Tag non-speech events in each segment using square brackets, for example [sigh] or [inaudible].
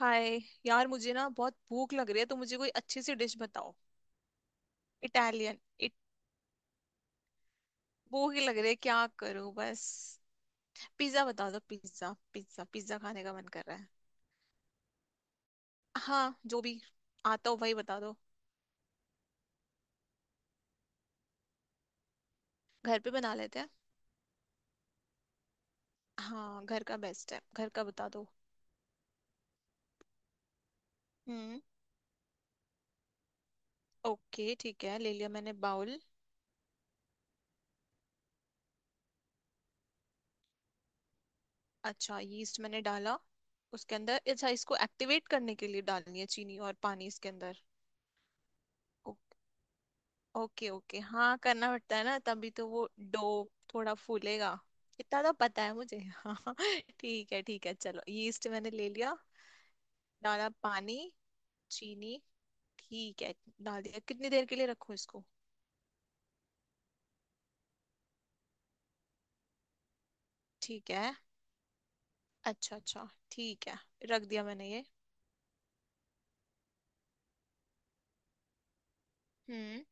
हाय। यार मुझे ना बहुत भूख लग रही है, तो मुझे कोई अच्छी सी डिश बताओ। इटालियन इट। भूख ही लग रही है, क्या करूं बस। पिज्जा बता दो, पिज्जा पिज्जा पिज्जा खाने का मन कर रहा है। हाँ, जो भी आता हो वही बता दो। घर पे बना लेते हैं। हाँ, घर का बेस्ट है, घर का बता दो। हम्म। ओके, ठीक है, ले लिया मैंने बाउल। अच्छा, यीस्ट मैंने डाला उसके अंदर। अच्छा, इसको एक्टिवेट करने के लिए डालनी है चीनी और पानी इसके अंदर। ओके ओके, हाँ करना पड़ता है ना, तभी तो वो डो थोड़ा फूलेगा। इतना तो पता है मुझे। [laughs] हाँ, ठीक है ठीक है, चलो यीस्ट मैंने ले लिया। डाला पानी, चीनी, ठीक है, डाल दिया। कितनी देर के लिए रखूं इसको? ठीक है, अच्छा अच्छा, ठीक है, रख दिया मैंने ये। हम्म।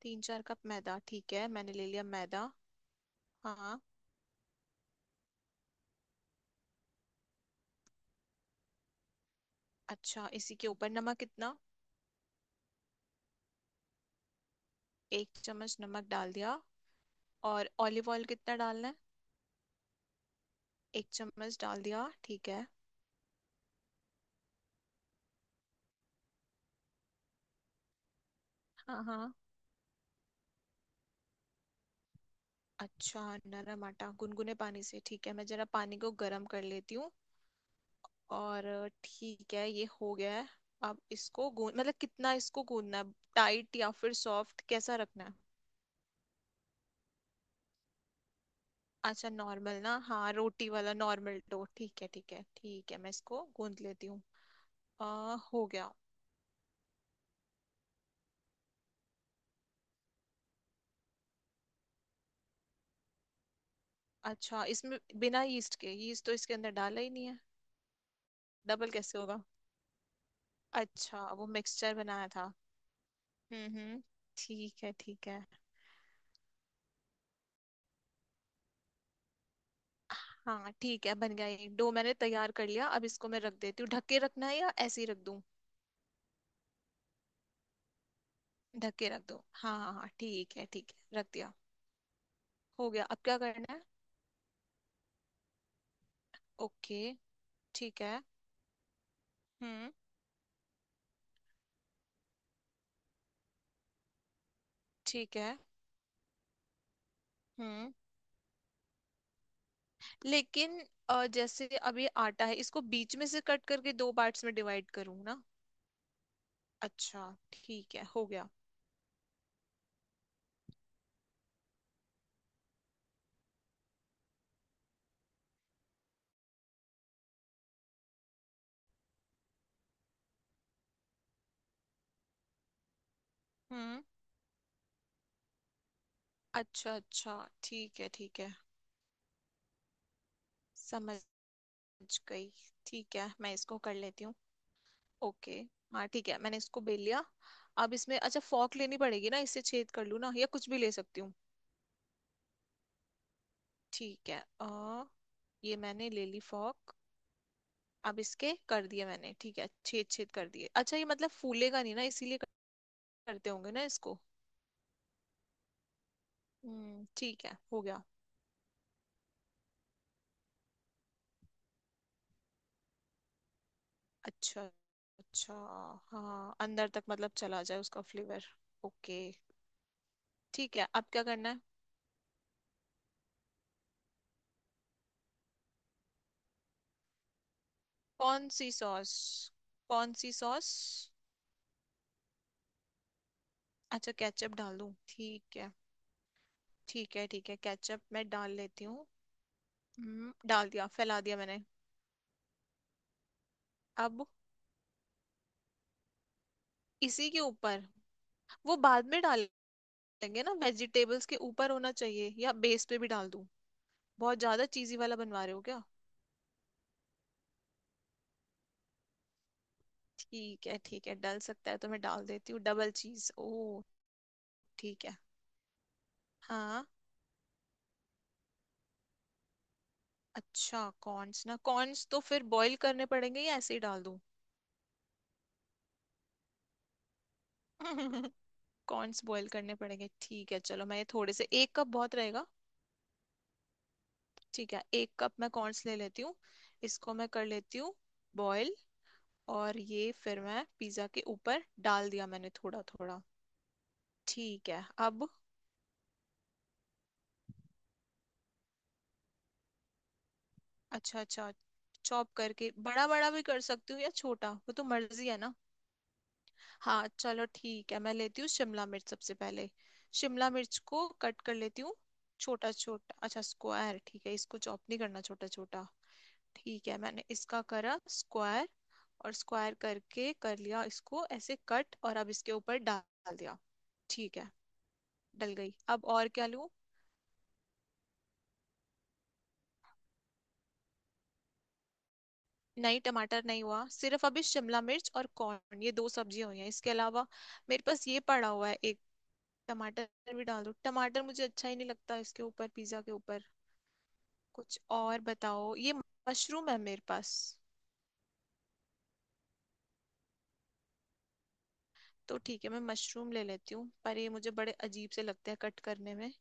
3 4 कप मैदा, ठीक है, मैंने ले लिया मैदा। हाँ। अच्छा, इसी के ऊपर नमक कितना? 1 चम्मच नमक डाल दिया। और ऑलिव ऑयल कितना डालना है? 1 चम्मच डाल दिया, ठीक है। हाँ हाँ। अच्छा, नरम आटा गुनगुने पानी से, ठीक है, मैं जरा पानी को गर्म कर लेती हूँ। और ठीक है, ये हो गया है। अब इसको गून मतलब कितना इसको गूंदना है? टाइट या फिर सॉफ्ट, कैसा रखना है? अच्छा नॉर्मल, ना हाँ, रोटी वाला नॉर्मल डो, ठीक है ठीक है ठीक है, मैं इसको गूंद लेती हूँ। आ, हो गया। अच्छा इसमें बिना यीस्ट के, यीस्ट तो इसके अंदर डाला ही नहीं है, डबल कैसे होगा? अच्छा वो मिक्सचर बनाया था। हम्म, ठीक है ठीक है। हाँ ठीक है, बन गया ये डो, मैंने तैयार कर लिया। अब इसको मैं रख देती हूँ। ढक के रखना है या ऐसे ही रख दूँ? ढक के रख दो, हाँ हाँ हाँ, ठीक है ठीक है, रख दिया। हो गया, अब क्या करना है? ओके, ठीक है। हम्म, ठीक है। हम्म, लेकिन जैसे अब ये आटा है, इसको बीच में से कट करके दो पार्ट्स में डिवाइड करूँ ना? अच्छा, ठीक है, हो गया। हम्म, अच्छा अच्छा, ठीक है ठीक है, समझ गई। ठीक है, मैं इसको कर लेती हूँ। ओके। हाँ ठीक है, मैंने इसको बेल लिया। अब इसमें, अच्छा, फॉक लेनी पड़ेगी ना, इससे छेद कर लूँ ना, या कुछ भी ले सकती हूँ? ठीक है, अ, ये मैंने ले ली फॉक। अब इसके कर दिए मैंने, ठीक है, छेद छेद कर दिए। अच्छा ये मतलब फूलेगा नहीं ना, इसीलिए करते होंगे ना इसको। हम्म, ठीक है, हो गया। अच्छा अच्छा, हाँ अंदर तक मतलब चला जाए उसका फ्लेवर। ओके, ठीक है, अब क्या करना है? कौन सी सॉस? कौन सी सॉस? अच्छा केचप डाल दूं, ठीक है। ठीक है ठीक है, केचप मैं डाल लेती हूँ। डाल दिया, फैला दिया मैंने। अब इसी के ऊपर वो बाद में डालेंगे ना, वेजिटेबल्स के ऊपर होना चाहिए या बेस पे भी डाल दूँ? बहुत ज्यादा चीजी वाला बनवा रहे हो क्या? ठीक है ठीक है, डल सकता है तो मैं डाल देती हूँ। डबल चीज ओ। ठीक है, हाँ। अच्छा, कॉर्न्स ना, कॉर्न्स तो फिर बॉईल करने पड़ेंगे या ऐसे ही डाल दूँ? [laughs] कॉर्न्स बॉईल करने पड़ेंगे, ठीक है, चलो मैं ये थोड़े से, 1 कप बहुत रहेगा। ठीक है, 1 कप मैं कॉर्नस ले लेती हूँ। इसको मैं कर लेती हूँ बॉईल। और ये फिर मैं पिज्ज़ा के ऊपर डाल दिया मैंने थोड़ा थोड़ा। ठीक है, अब। अच्छा अच्छा, चॉप करके बड़ा बड़ा भी कर सकती हूँ या छोटा, वो तो मर्जी है ना। हाँ चलो ठीक है, मैं लेती हूँ शिमला मिर्च सबसे पहले। शिमला मिर्च को कट कर लेती हूँ। छोटा छोटा, अच्छा स्क्वायर, ठीक है, इसको चॉप नहीं करना, छोटा छोटा। ठीक है, मैंने इसका करा स्क्वायर। और स्क्वायर करके कर लिया इसको ऐसे कट, और अब इसके ऊपर डाल दिया। ठीक है, डल गई, अब और क्या लूं? नहीं, टमाटर नहीं हुआ, सिर्फ अभी शिमला मिर्च और कॉर्न, ये दो सब्जियां हुई हैं। इसके अलावा मेरे पास ये पड़ा हुआ है एक। टमाटर भी डाल दो? टमाटर मुझे अच्छा ही नहीं लगता इसके ऊपर, पिज्जा के ऊपर, कुछ और बताओ। ये मशरूम है मेरे पास। तो ठीक है, मैं मशरूम ले लेती हूँ, पर ये मुझे बड़े अजीब से लगते हैं कट करने में,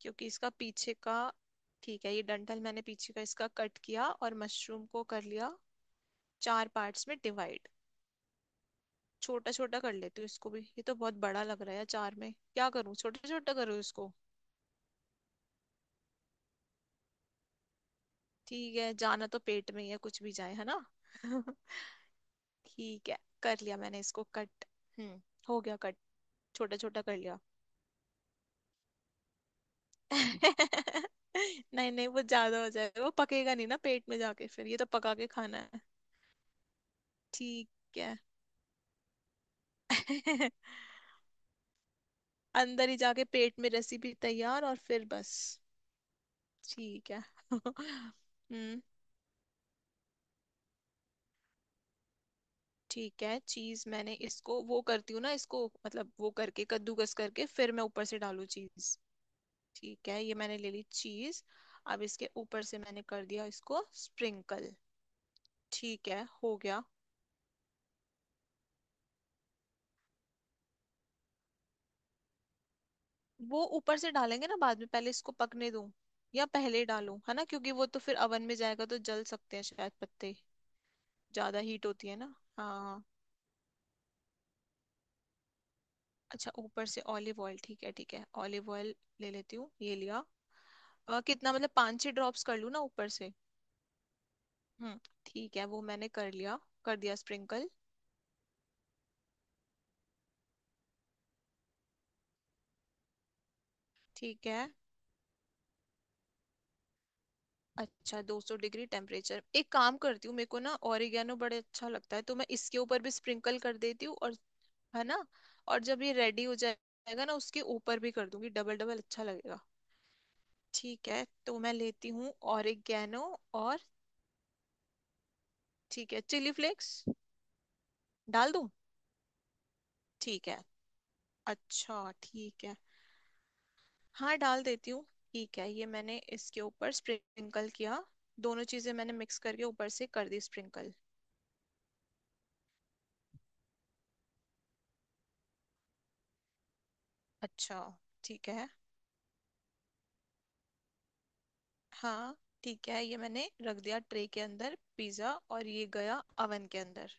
क्योंकि इसका पीछे का। ठीक है, ये डंठल मैंने पीछे का इसका कट किया, और मशरूम को कर लिया चार पार्ट्स में डिवाइड। छोटा छोटा कर लेती हूँ इसको भी, ये तो बहुत बड़ा लग रहा है चार में, क्या करूँ छोटा छोटा करूँ इसको। ठीक है, जाना तो पेट में ही है, कुछ भी जाए, है ना। [laughs] ठीक है, कर लिया मैंने इसको कट। हम्म, हो गया कट। छोटा छोटा कर लिया। [laughs] नहीं नहीं, वो ज्यादा हो जाएगा, वो पकेगा नहीं ना पेट में जाके, फिर ये तो पका के खाना है। ठीक है। [laughs] अंदर ही जाके पेट में रेसिपी तैयार, और फिर बस। ठीक है। [laughs] हम्म। ठीक है, चीज मैंने इसको, वो करती हूँ ना इसको मतलब, वो करके कद्दूकस करके फिर मैं ऊपर से डालू चीज। ठीक है, ये मैंने ले ली चीज। अब इसके ऊपर से मैंने कर दिया इसको स्प्रिंकल। ठीक है, हो गया। वो ऊपर से डालेंगे ना बाद में, पहले इसको पकने दूं या पहले डालूं, है ना, क्योंकि वो तो फिर अवन में जाएगा तो जल सकते हैं शायद पत्ते, ज्यादा हीट होती है ना। हाँ, अच्छा ऊपर से ऑलिव ऑयल, ठीक है ठीक है, ऑलिव ऑयल ले लेती हूँ, ये लिया। कितना मतलब, 5 6 ड्रॉप्स कर लूँ ना ऊपर से? हम्म, ठीक है, वो मैंने कर लिया, कर दिया स्प्रिंकल। ठीक है, अच्छा 200 डिग्री टेम्परेचर। एक काम करती हूँ, मेरे को ना ओरिगेनो बड़े अच्छा लगता है, तो मैं इसके ऊपर भी स्प्रिंकल कर देती हूँ। और है ना, और जब ये रेडी हो जाएगा ना उसके ऊपर भी कर दूंगी, डबल डबल अच्छा लगेगा। ठीक है, तो मैं लेती हूँ ओरिगेनो। और ठीक है चिली फ्लेक्स, डाल दूँ? ठीक है, अच्छा ठीक है, हाँ डाल देती हूँ। ठीक है, ये मैंने इसके ऊपर स्प्रिंकल किया। दोनों चीजें मैंने मिक्स करके ऊपर से कर दी स्प्रिंकल। अच्छा, ठीक है। हाँ ठीक है, ये मैंने रख दिया ट्रे के अंदर पिज्जा, और ये गया अवन के अंदर।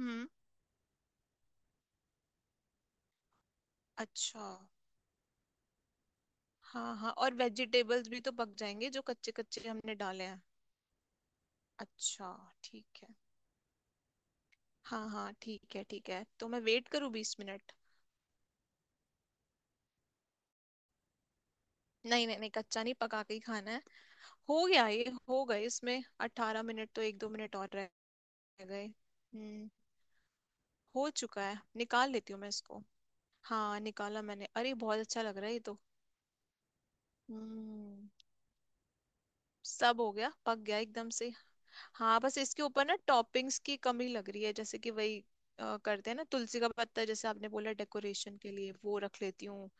हम्म। अच्छा, हाँ हाँ, और वेजिटेबल्स भी तो पक जाएंगे जो कच्चे कच्चे हमने डाले हैं। अच्छा। ठीक है, हाँ हाँ, ठीक है ठीक है, तो मैं वेट करूँ 20 मिनट? नहीं नहीं नहीं, कच्चा नहीं, पका के ही खाना है। हो गया, ये हो गए इसमें 18 मिनट, तो 1 2 मिनट और रह गए। हम्म, हो चुका है, निकाल लेती हूँ मैं इसको। हाँ, निकाला मैंने, अरे बहुत अच्छा लग रहा है ये तो। हम्म, सब हो गया, पक गया एकदम से। हाँ, बस इसके ऊपर ना टॉपिंग्स की कमी लग रही है, जैसे कि वही, करते हैं ना तुलसी का पत्ता जैसे आपने बोला, डेकोरेशन के लिए वो रख लेती हूँ।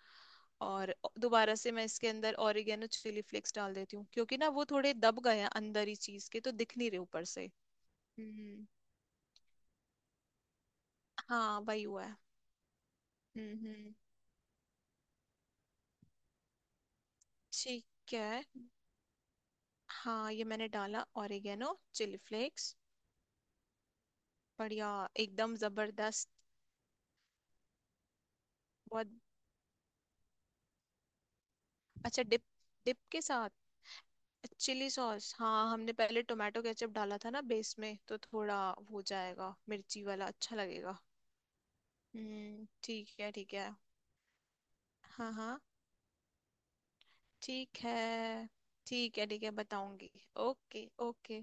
और दोबारा से मैं इसके अंदर ऑरिगेनो चिली फ्लेक्स डाल देती हूँ, क्योंकि ना वो थोड़े दब गए हैं अंदर ही चीज के, तो दिख नहीं रहे ऊपर से। हम्म, हाँ वही हुआ है। हम्म, ठीक है। हाँ ये मैंने डाला ओरिगेनो चिली फ्लेक्स। बढ़िया, एकदम जबरदस्त। बहुत अच्छा। डिप, डिप के साथ, चिली सॉस, हाँ, हमने पहले टोमेटो केचप डाला था ना बेस में, तो थोड़ा हो जाएगा मिर्ची वाला, अच्छा लगेगा। हम्म, ठीक है ठीक है। हाँ हाँ, ठीक है ठीक है। ठीक है, बताऊंगी। Okay okay.